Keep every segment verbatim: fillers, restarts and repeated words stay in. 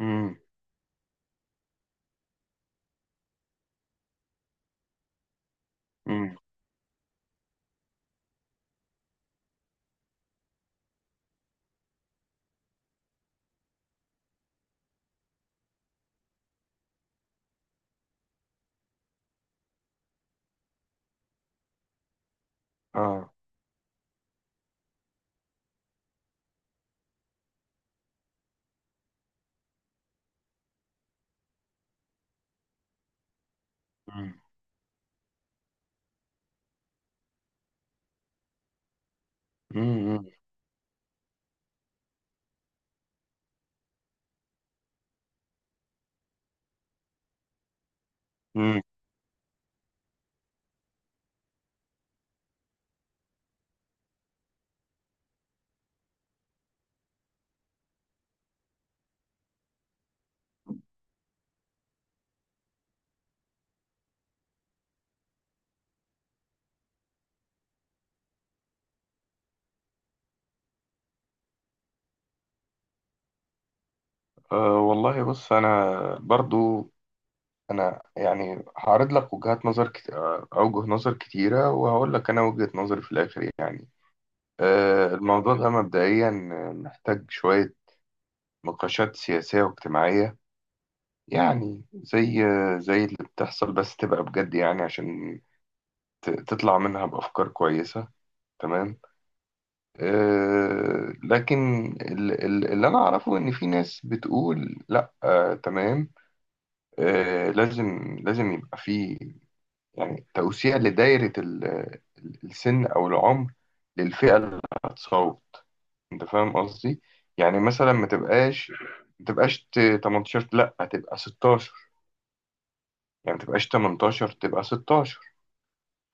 امم، امم، اه، امم، امم، امم، امم. آه، والله بص، انا برضو، انا يعني هعرض لك وجهات نظر كت... آه، اوجه نظر كتيره، وهقول لك انا وجهه نظري في الاخر يعني. آه، الموضوع ده مبدئيا محتاج شويه نقاشات سياسيه واجتماعيه، يعني زي زي اللي بتحصل، بس تبقى بجد يعني عشان ت... تطلع منها بافكار كويسه. تمام. آه، لكن ال- ال- اللي انا اعرفه ان في ناس بتقول لا، آه، تمام، آه، لازم لازم يبقى في يعني توسيع لدايرة ال- ال- السن او العمر للفئة اللي هتصوت. انت فاهم قصدي؟ يعني مثلا ما تبقاش ما تبقاش ت- تمنتاشر، لا تبقى ستاشر. يعني ما تبقاش تمنتاشر، تبقى ستاشر.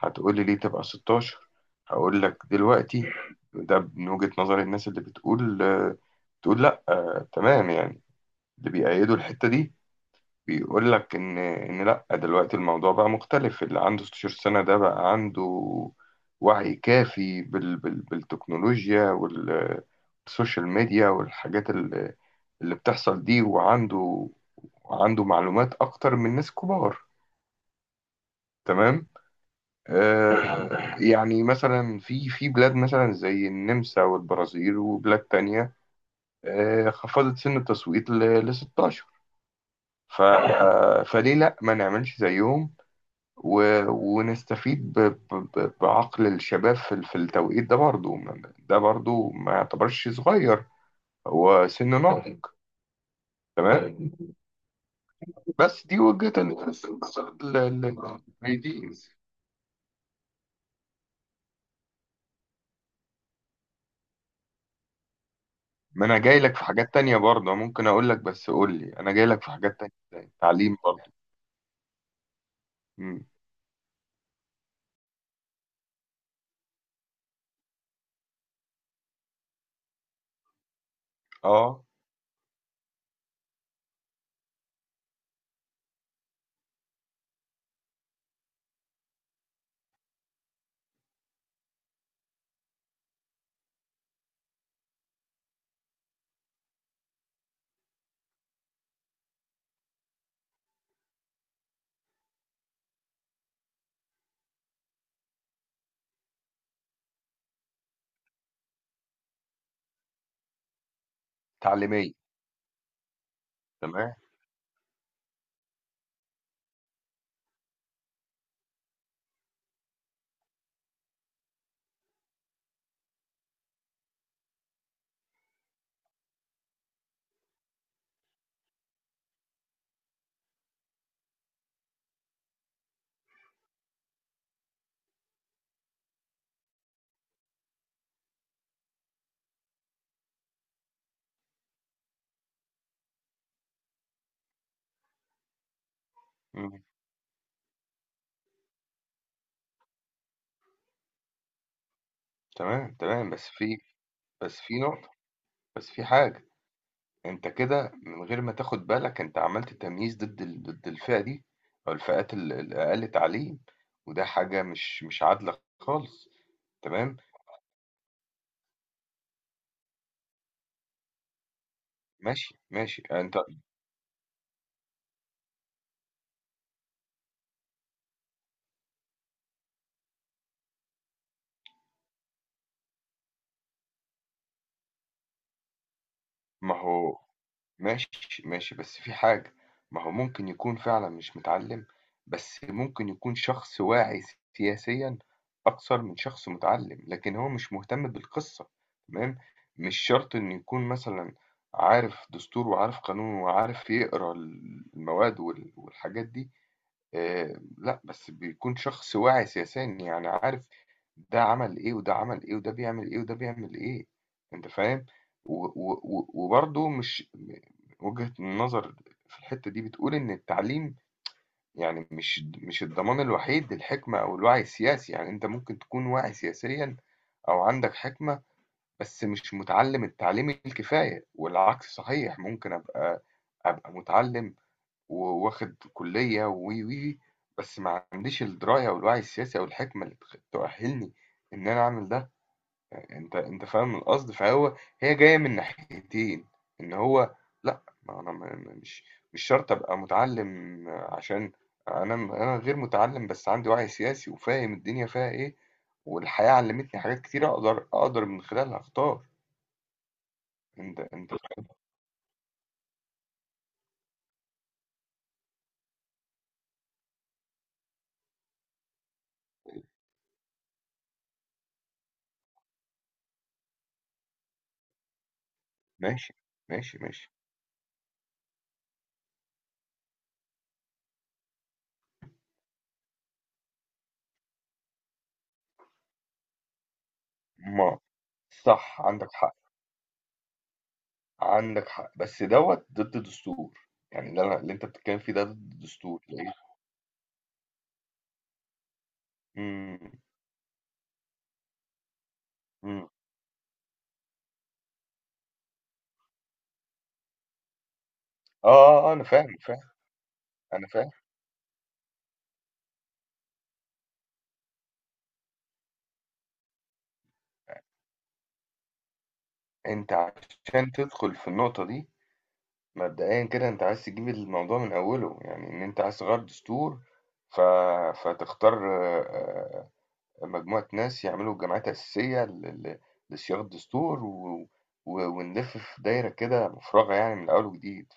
هتقولي ليه تبقى ستاشر؟ هقول لك دلوقتي. ده من وجهة نظر الناس اللي بتقول آه، بتقول لا، آه، تمام، يعني اللي بيأيدوا الحتة دي بيقول لك ان ان لا، دلوقتي الموضوع بقى مختلف. اللي عنده ستاشر سنة ده بقى عنده وعي كافي بال بال بالتكنولوجيا وال- والسوشيال ميديا والحاجات اللي اللي بتحصل دي. وعنده وعنده معلومات اكتر من ناس كبار. تمام. آه، يعني مثلا في في بلاد مثلا زي النمسا والبرازيل وبلاد تانية، آه، خفضت سن التصويت ل ستاشر. ف آه، فليه لا ما نعملش زيهم و- ونستفيد ب- ب- ب- بعقل الشباب في ال- في التوقيت ده. برضو ما- ده برضو ما يعتبرش صغير، هو سن ناضج. تمام. بس دي وجهة النظر. ال- ال- ال- دي، ما انا جاي لك في حاجات تانية برضه ممكن اقول لك، بس قول لي، انا جاي لك في حاجات تانية زي تعليم برضه. امم، اه، تعليمية، تمام. مم. تمام تمام بس في بس في نقطة، بس في حاجة. انت كده من غير ما تاخد بالك، انت عملت تمييز ضد ال... ضد الفئة دي، او الفئات ال- الاقل تعليم. وده حاجة مش مش عادلة خالص. تمام. ماشي ماشي انت، ما هو، ماشي، ماشي، بس في حاجة. ما هو ممكن يكون فعلًا مش متعلّم، بس ممكن يكون شخص واعي سياسيًا أكثر من شخص متعلّم، لكن هو مش مهتم بالقصة، تمام؟ مش شرط إنه يكون مثلًا عارف دستور وعارف قانون وعارف يقرا المواد وال والحاجات دي. آآ لأ، بس بيكون شخص واعي سياسيًا، يعني عارف ده عمل إيه، وده عمل إيه، وده بيعمل إيه، وده بيعمل إيه. أنت فاهم؟ و و و وبرضه مش م وجهة النظر في الحتّة دي بتقول إن التعليم يعني مش مش الضمان الوحيد للحكمة أو الوعي السياسي. يعني أنت ممكن تكون واعي سياسيًا أو عندك حكمة، بس مش متعلّم التعليم الكفاية، والعكس صحيح، ممكن أبقى أبقى متعلّم وواخد كلية و و و بس ما عنديش الدراية أو الوعي السياسي أو الحكمة اللي تخ- تؤهلني إن أنا أعمل ده. أنت أنت فاهم القصد؟ فهو هي جاية من ناحيتين. إن هو لأ، ما أنا ما- ما- مش، مش شرط أبقى متعلم عشان أنا أنا غير متعلم، بس عندي وعي سياسي وفاهم الدنيا فيها إيه، والحياة علمتني حاجات كتير أقدر أقدر من خلالها أختار. أنت أنت ماشي ماشي ماشي ما، صح عندك حق. عندك حق بس دوت ضد دستور. يعني اللي انا اللي انت بتتكلم فيه ده ضد دستور ليه؟ امم. امم. اه. آه، آه، انا فاهم فاهم انا فاهم. انت عشان تدخل في النقطة دي، مبدئيا كده انت عايز تجيب الموضوع من اوله، يعني ان انت عايز تغير دستور. ف... فتختار آه، آه، مجموعة ناس يعملوا جمعيات أساسية ل... ل... لصياغة الدستور و... و... ونلف في دايرة كده مفرغة يعني من اول وجديد.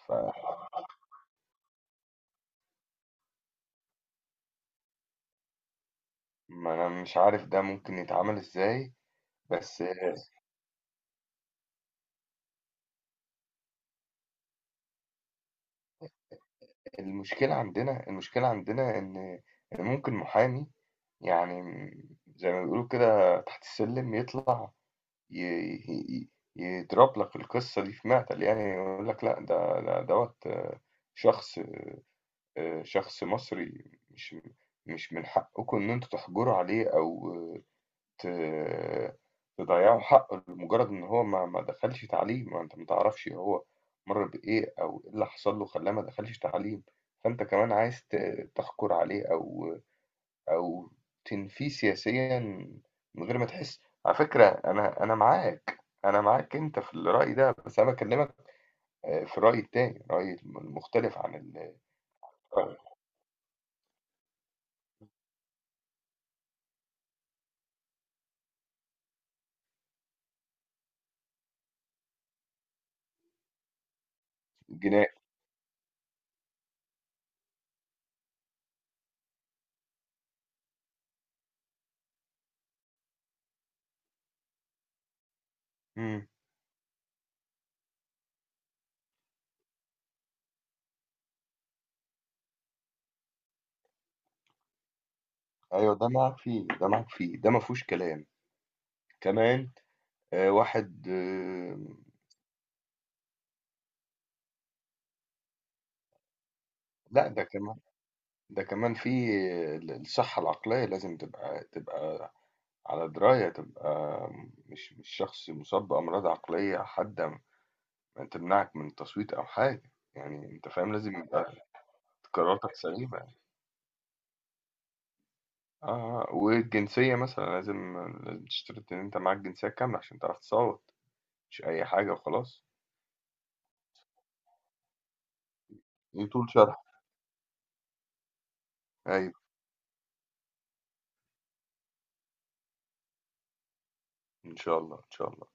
فما انا مش عارف ده ممكن يتعمل ازاي. بس آه، المشكلة عندنا المشكلة عندنا إن إن ممكن محامي، يعني، م- زي ما بيقولوا كده تحت السلم، يطلع ي- ي- ي- يضرب لك القصة دي في معتل. يعني يقول لك لا، ده ده دوت، آه، شخص، آه، شخص مصري، مش مش من حقكم إن أنتوا تحجروا عليه، أو ت تضيّعوا حقّه لمجرّد إن هو ما ما دخلش تعليم، ما أنت ما تعرفش هو مَر بإيه أو إيه اللي حصل له خلّاه ما دخلش تعليم. فأنت كمان عايز ت تحكُر عليه، أو أو تنفيه سياسيًا من غير ما تحس. على فكرة، أنا أنا معاك، أنا معاك أنت في الرأي ده، بس أنا باكلّمك آآ في الرأي التاني، الرأي الم المختلف عن ال الجنائي. إمم. أيوه ده معاك فيه، ده معاك فيه، ده ما فيهوش كلام. كمان آآ واحد آه، لأ، ده كمان ده كمان في ال الصحّة العقلية، لازم تبقى تبقى على دراية، تبقى مش مش شخص مُصاب بأمراض عقلية حادة م تمنعك من التصويت أو حاجة. يعني أنت فاهم، لازم يبقى قراراتك سليمة. آه، آه، والجنسية مثلًا لازم لازم تشترط إن أنت معاك جنسية كاملة عشان تعرف تصوّت، مش أي حاجة وخلاص. يطول شرحه. أيوه. إن شاء الله، إن شاء الله.